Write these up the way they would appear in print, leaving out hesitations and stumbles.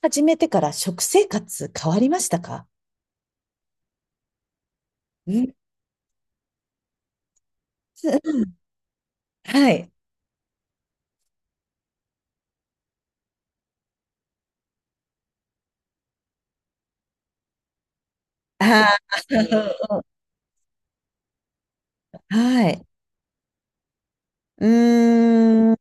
始めてから食生活変わりましたか？うん。はい。ああ、はい。うーん。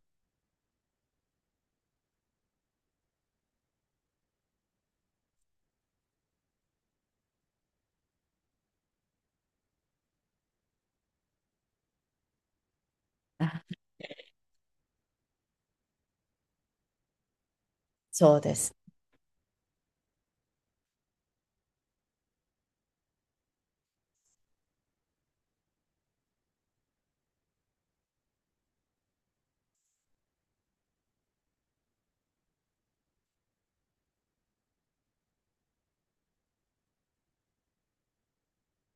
あ、そうです。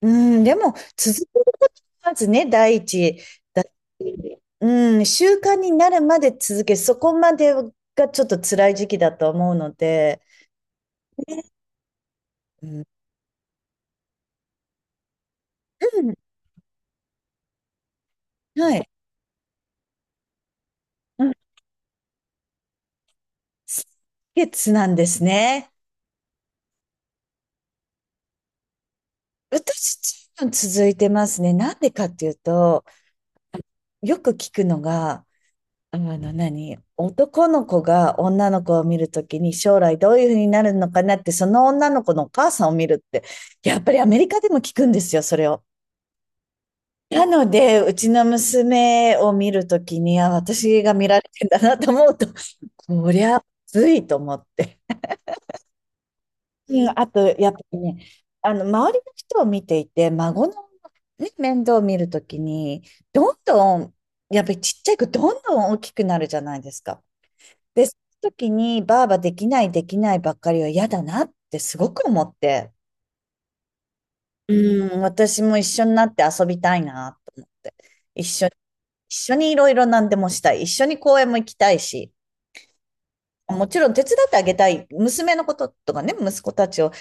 うん。でも、続けることがまずね、第一だし。うん。習慣になるまで続け、そこまでがちょっと辛い時期だと思うので。うん。うん、はい。うん。月なんですね。私、ずいぶん続いてますね。なんでかっていうと、よく聞くのが、あの何、男の子が女の子を見るときに将来どういうふうになるのかなって、その女の子のお母さんを見るって、やっぱりアメリカでも聞くんですよ、それを。なので、うちの娘を見るときに、あ、私が見られてんだなと思うと、こりゃついと思って。うん、あと、やっぱりね、あの、周りの人を見ていて、孫の、ね、面倒を見るときに、どんどん、やっぱりちっちゃい子、どんどん大きくなるじゃないですか。で、その時に、ばあばできない、ばっかりは嫌だなってすごく思って、うん、私も一緒になって遊びたいなと思って、一緒に、一緒にいろいろ何でもしたい、一緒に公園も行きたいし、もちろん手伝ってあげたい、娘のこととかね、息子たちを、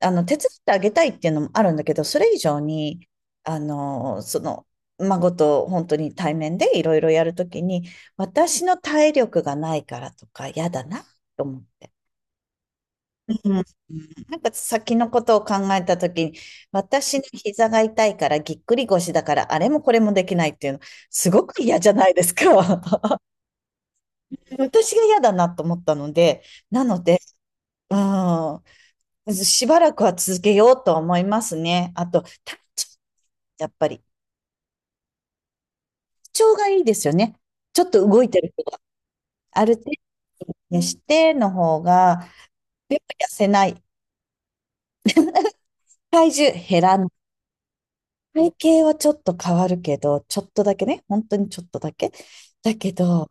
あの、手伝ってあげたいっていうのもあるんだけど、それ以上に、あの、その、孫と本当に対面でいろいろやるときに、私の体力がないからとか嫌だなと思って。うん。なんか先のことを考えたときに、私の膝が痛いからぎっくり腰だからあれもこれもできないっていうの、すごく嫌じゃないですか。私が嫌だなと思ったので、なので、うん、しばらくは続けようと思いますね。あと、やっぱり、体調がいいですよね。ちょっと動いてる人がある程度にしての方が、やっぱ痩せない。体重減らない。体型はちょっと変わるけど、ちょっとだけね、本当にちょっとだけ。だけど、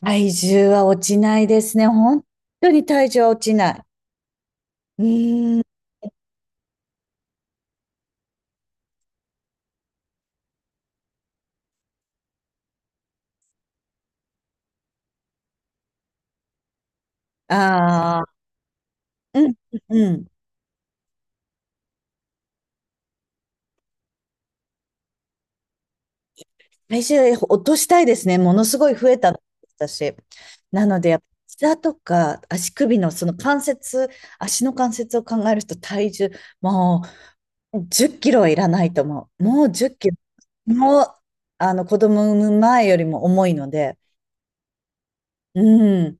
体重は落ちないですね。本当に体重は落ちない。うーん。ああ、うん、うん。体重落としたいですね。ものすごい増えた、私。なので、やっぱ膝とか足首のその関節、足の関節を考えると体重、もう10キロはいらないと思う。もう10キロ。もう、あの、子供産む前よりも重いので、うん。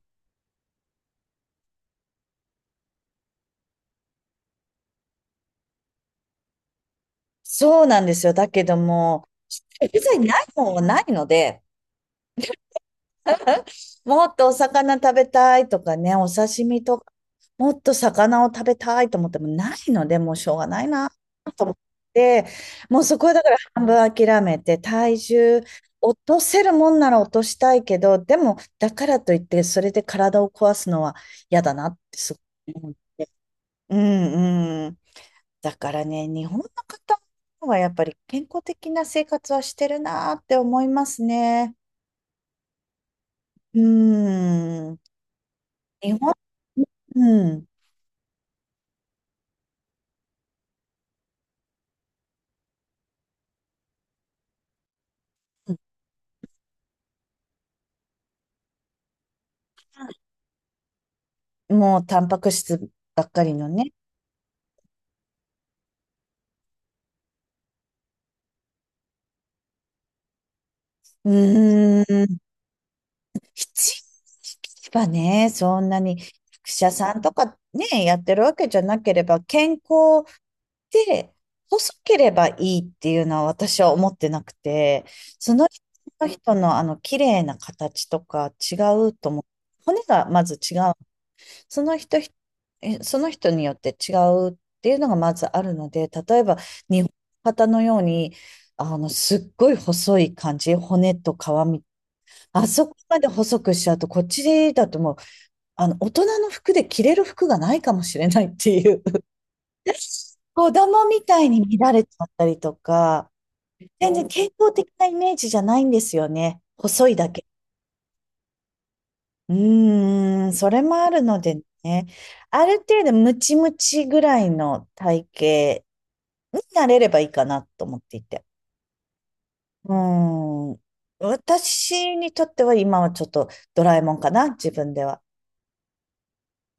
そうなんですよ。だけども、別にないもんはないので、もっとお魚食べたいとかね、お刺身とか、もっと魚を食べたいと思ってもないので、もうしょうがないなと思って、もうそこはだから半分諦めて、体重落とせるもんなら落としたいけど、でも、だからといって、それで体を壊すのは嫌だなってすごい思って。うん、うん。だからね、日本の方はやっぱり健康的な生活はしてるなーって思いますね。うーん。日本、うん。もうタンパク質ばっかりのね。うーん。必要ばね、そんなに、役者さんとかね、やってるわけじゃなければ、健康で、細ければいいっていうのは私は思ってなくて、その人その人のあの綺麗な形とか違うと思う。骨がまず違う。その人ひ、えその人によって違うっていうのがまずあるので、例えば日本の方のように、あの、すっごい細い感じ、骨と皮み、あそこまで細くしちゃうと、こっちだともう、あの、大人の服で着れる服がないかもしれないっていう。子供みたいに乱れちゃったりとか、全然健康的なイメージじゃないんですよね。細いだけ。うーん、それもあるのでね。ある程度ムチムチぐらいの体型になれればいいかなと思っていて。うーん。私にとっては今はちょっとドラえもんかな、自分では。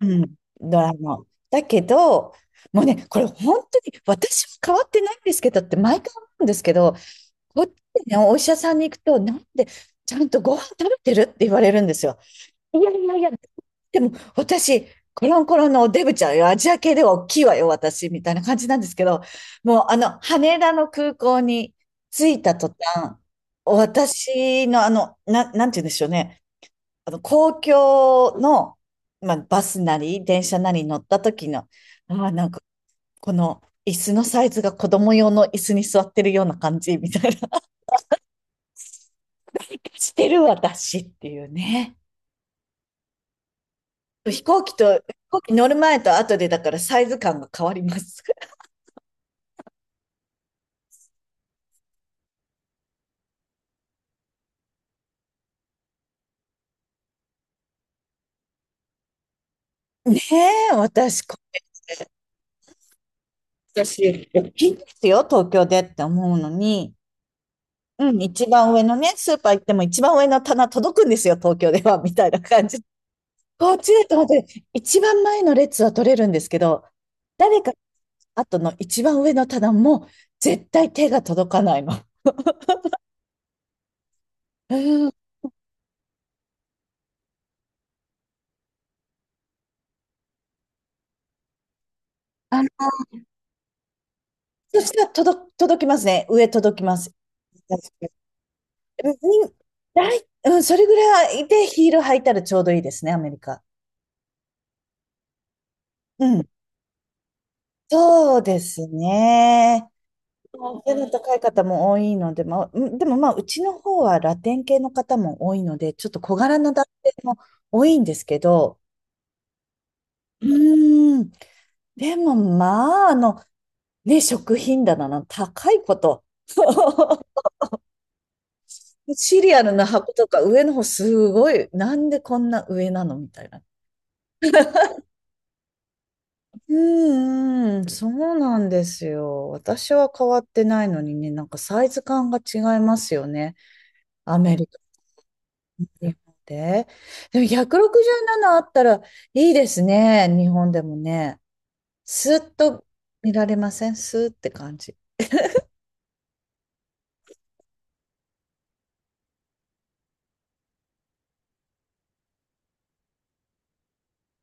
うん、ドラえもん。だけど、もうね、これ本当に私は変わってないんですけどって毎回思うんですけど、こっちね、お医者さんに行くと、なんで、ちゃんとご飯食べてるって言われるんですよ。いやいやいや、でも私、コロンコロンのおデブちゃんよ、アジア系では大きいわよ、私、みたいな感じなんですけど、もうあの、羽田の空港に着いた途端、私のあの、な、なんて言うんでしょうね、あの、公共の、まあ、バスなり、電車なりに乗った時の、ああ、なんか、この、椅子のサイズが子供用の椅子に座ってるような感じみたいな。してる私っていうね。飛行機乗る前と後でだからサイズ感が変わります。ねえ、私、大きいんですよ、東京でって思うのに、うん、一番上のね、スーパー行っても一番上の棚届くんですよ、東京では、みたいな感じ。こっちでと思って、一番前の列は取れるんですけど、誰か後の一番上の棚も絶対手が届かないの。うん、あの、そしたら届、届きますね。上届きます。うん、うん、それぐらいでヒール履いたらちょうどいいですね、アメリカ。うん。そうですね。背の高い方も多いので、まあ、うんでもまあ、うちの方はラテン系の方も多いので、ちょっと小柄な男性も多いんですけど、うーん。でもまあ、あの、ね、食品棚の高いこと。シリアルの箱とか上の方すごい、なんでこんな上なのみたいな。うーん、そうなんですよ。私は変わってないのにね、なんかサイズ感が違いますよね。アメリカと日本で。でも167あったらいいですね、日本でもね。スーッと見られませんスーッって感じ。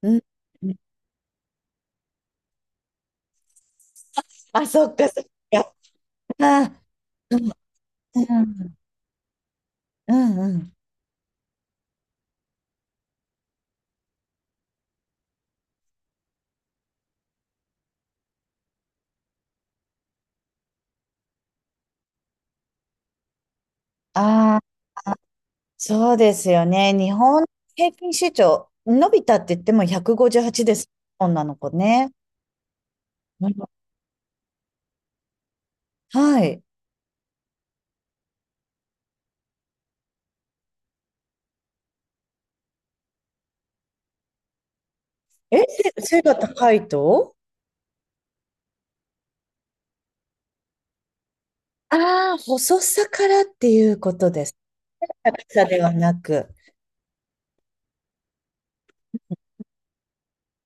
うん。あ、そっかそっか。あー、うんうんうん。ああ、そうですよね。日本平均身長伸びたって言っても158です。女の子ね。あらはい。え、背が高いとああー、細さからっていうことです。高さではなく。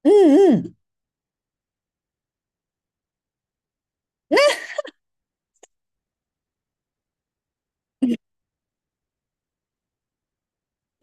うんうん。